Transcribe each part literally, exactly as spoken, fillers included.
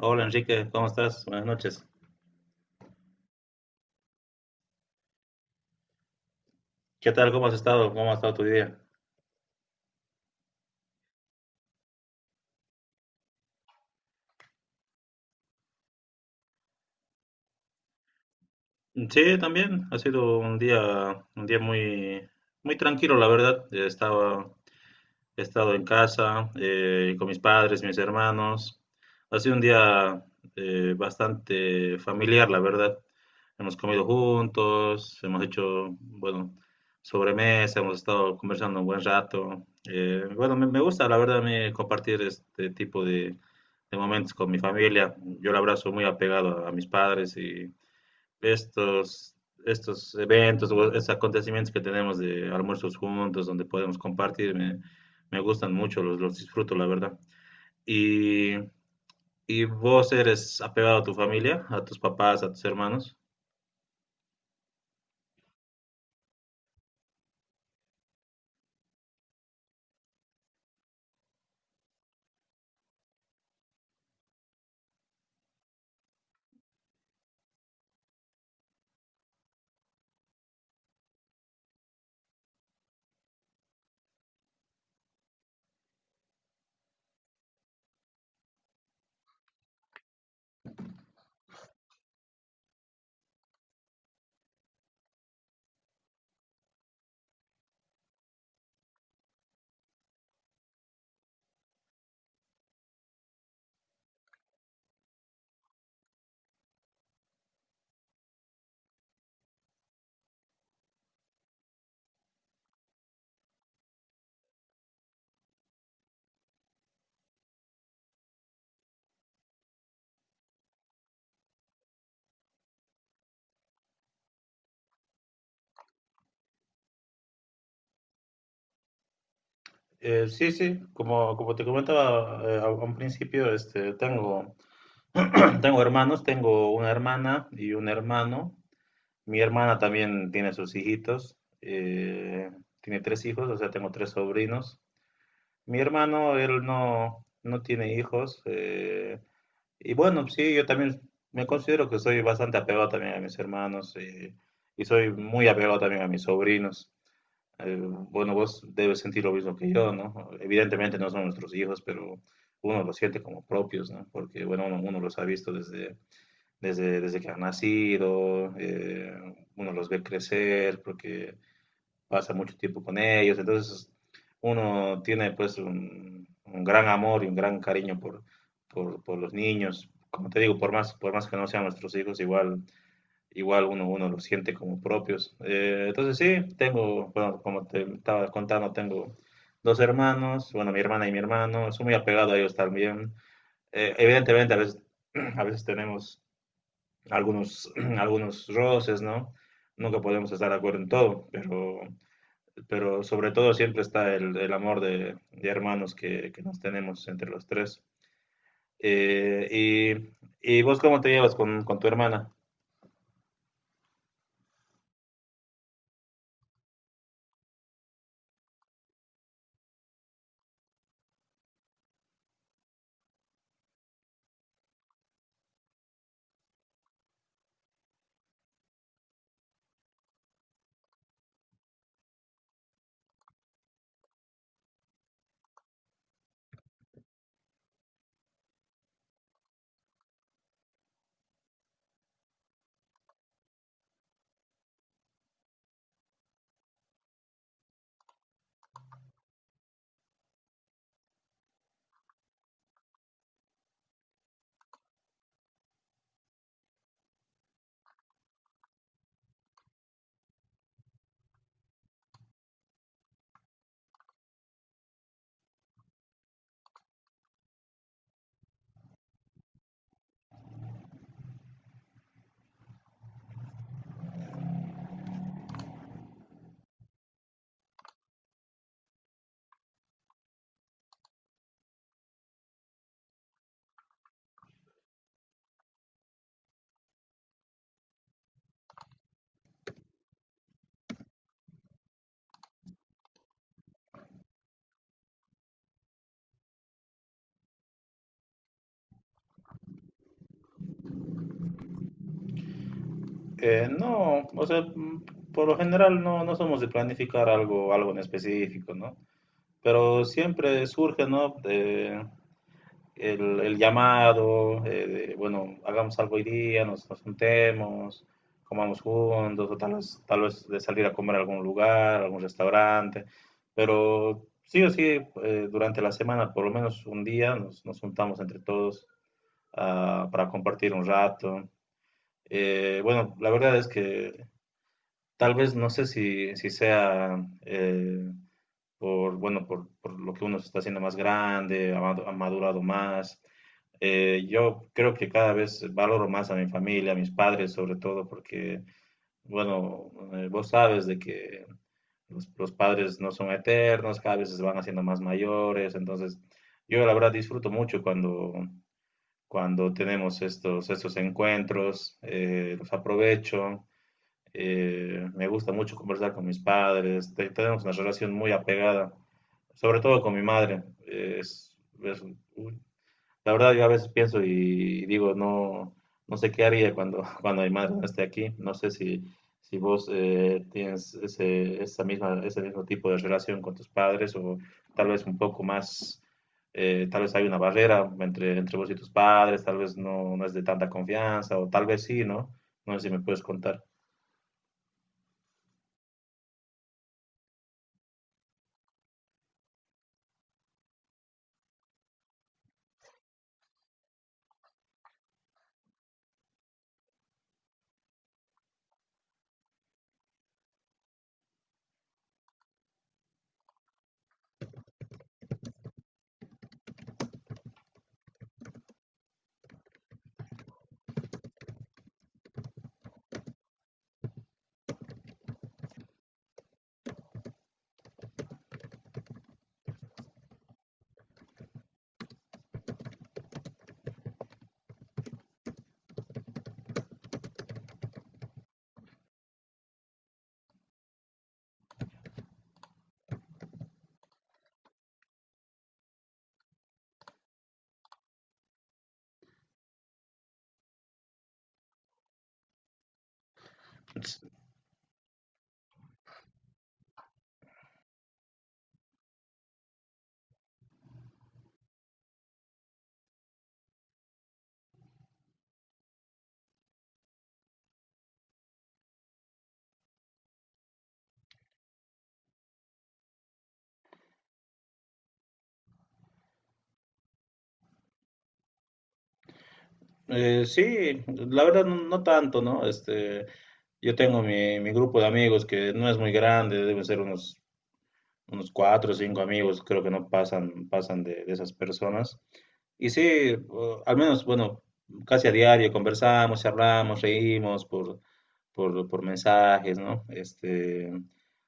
Hola Enrique, ¿cómo estás? Buenas noches. ¿Qué tal? ¿Cómo has estado? ¿Cómo ha estado tu día? Sí, también ha sido un día, un día muy, muy tranquilo, la verdad. Estaba, He estado en casa eh, con mis padres, mis hermanos. Ha sido un día eh, bastante familiar, la verdad. Hemos comido juntos, hemos hecho, bueno, sobremesa, hemos estado conversando un buen rato. Eh, bueno, me, me gusta, la verdad, a compartir este tipo de, de momentos con mi familia. Yo la abrazo muy apegado a, a mis padres y estos, estos eventos o estos acontecimientos que tenemos de almuerzos juntos, donde podemos compartir, me, me gustan mucho, los, los disfruto, la verdad. Y, y, ¿vos eres apegado a tu familia, a tus papás, a tus hermanos? Eh, sí, sí, como, como te comentaba eh, a a un principio, este, tengo, tengo hermanos, tengo una hermana y un hermano. Mi hermana también tiene sus hijitos, eh, tiene tres hijos, o sea, tengo tres sobrinos. Mi hermano, él no, no tiene hijos. eh, y bueno, sí, yo también me considero que soy bastante apegado también a mis hermanos eh, y, soy muy apegado también a mis sobrinos. Eh, bueno, vos debes sentir lo mismo que yo, ¿no? Evidentemente no son nuestros hijos, pero uno los siente como propios, ¿no? Porque, bueno, uno, uno los ha visto desde, desde, desde que han nacido, eh, uno los ve crecer, porque pasa mucho tiempo con ellos, entonces uno tiene pues un, un gran amor y un gran cariño por, por, por los niños, como te digo, por más, por más que no sean nuestros hijos, igual, igual uno, uno los siente como propios. Eh, entonces sí, tengo, bueno, como te estaba contando, tengo dos hermanos, bueno, mi hermana y mi hermano, soy muy apegado a ellos también. Eh, evidentemente, a veces, a veces tenemos algunos, algunos roces, ¿no? Nunca podemos estar de acuerdo en todo, pero pero sobre todo siempre está el, el amor de, de hermanos que, que, nos tenemos entre los tres. Eh, y, y, ¿vos cómo te llevas con, con tu hermana? Eh, no, o sea, mm, por lo general no, no somos de planificar algo, algo en específico, ¿no? Pero siempre surge, ¿no? De, el, el llamado, eh, de, bueno, hagamos algo hoy día, nos, nos juntemos, comamos juntos, o tal vez, tal vez de salir a comer a algún lugar, a algún restaurante, pero sí o sí, eh, durante la semana, por lo menos un día, nos, nos juntamos entre todos ah, para compartir un rato. Eh, bueno, la verdad es que tal vez no sé si, si sea eh, por, bueno, por, por lo que uno se está haciendo más grande, ha madu- ha madurado más, eh, yo creo que cada vez valoro más a mi familia, a mis padres sobre todo, porque, bueno, eh, vos sabes de que los, los padres no son eternos, cada vez se van haciendo más mayores, entonces yo la verdad disfruto mucho cuando, cuando tenemos estos, estos encuentros, eh, los aprovecho, eh, me gusta mucho conversar con mis padres, te- tenemos una relación muy apegada, sobre todo con mi madre, eh, es, es- la verdad, yo a veces pienso y digo, no, no sé qué haría cuando, cuando mi madre no esté aquí. No sé si, si vos eh, tienes ese, esa misma, ese mismo tipo de relación con tus padres o tal vez un poco más, eh, tal vez hay una barrera entre, entre vos y tus padres, tal vez no, no es de tanta confianza o tal vez sí, ¿no? No sé si me puedes contar. Eh, sí, la verdad no, no tanto, ¿no? Este, yo tengo mi, mi grupo de amigos que no es muy grande, deben ser unos unos cuatro o cinco amigos, creo que no pasan, pasan de, de esas personas. Y sí, eh, al menos, bueno, casi a diario conversamos, charlamos, reímos por, por, por mensajes, ¿no? Este,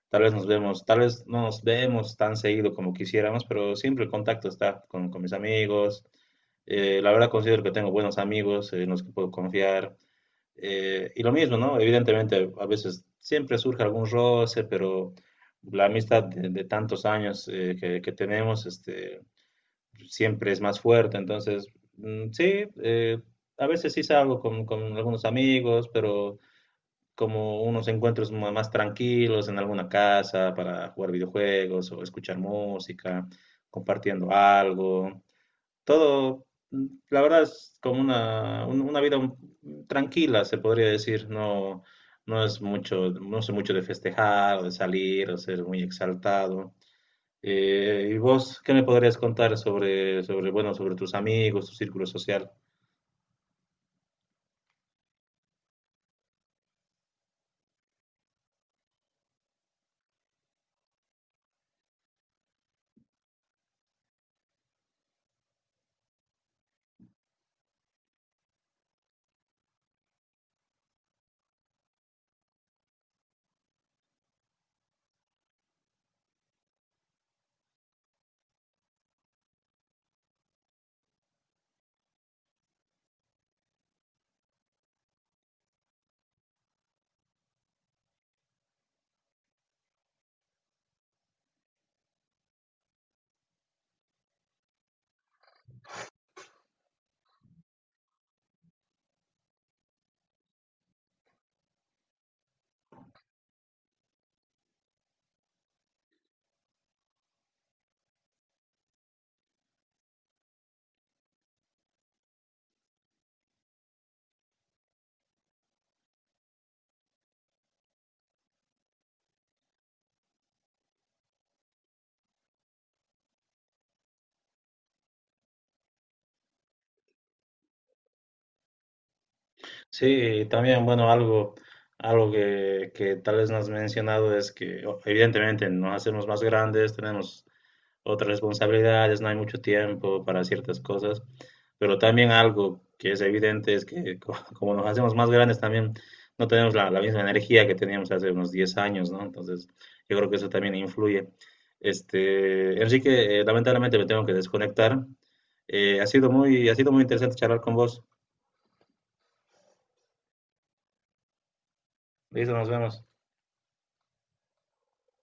tal vez nos vemos, tal vez no nos vemos tan seguido como quisiéramos, pero siempre el contacto está con, con mis amigos. Eh, la verdad considero que tengo buenos amigos eh, en los que puedo confiar. Eh, y lo mismo, ¿no? Evidentemente, a veces siempre surge algún roce, pero la amistad de, de tantos años eh, que, que tenemos este, siempre es más fuerte. Entonces, mm, sí, eh, a veces sí salgo con, con algunos amigos, pero como unos encuentros ma- más tranquilos en alguna casa para jugar videojuegos o escuchar música, compartiendo algo todo, la verdad es como una, un- una vida un- tranquila, se podría decir, no, no es mucho, no sé mucho de festejar o de salir o ser muy exaltado. Eh, ¿y vos qué me podrías contar sobre, sobre, bueno, sobre tus amigos, tu círculo social? Sí, también, bueno, algo, algo que, que tal vez no has mencionado es que o- evidentemente nos hacemos más grandes, tenemos otras responsabilidades, no hay mucho tiempo para ciertas cosas, pero también algo que es evidente es que co- como nos hacemos más grandes también no tenemos la, la misma energía que teníamos hace unos diez años, ¿no? Entonces, yo creo que eso también influye. Este, Enrique, eh, lamentablemente me tengo que desconectar. Eh, ha sido muy, ha sido muy interesante charlar con vos. Listo, nos vemos.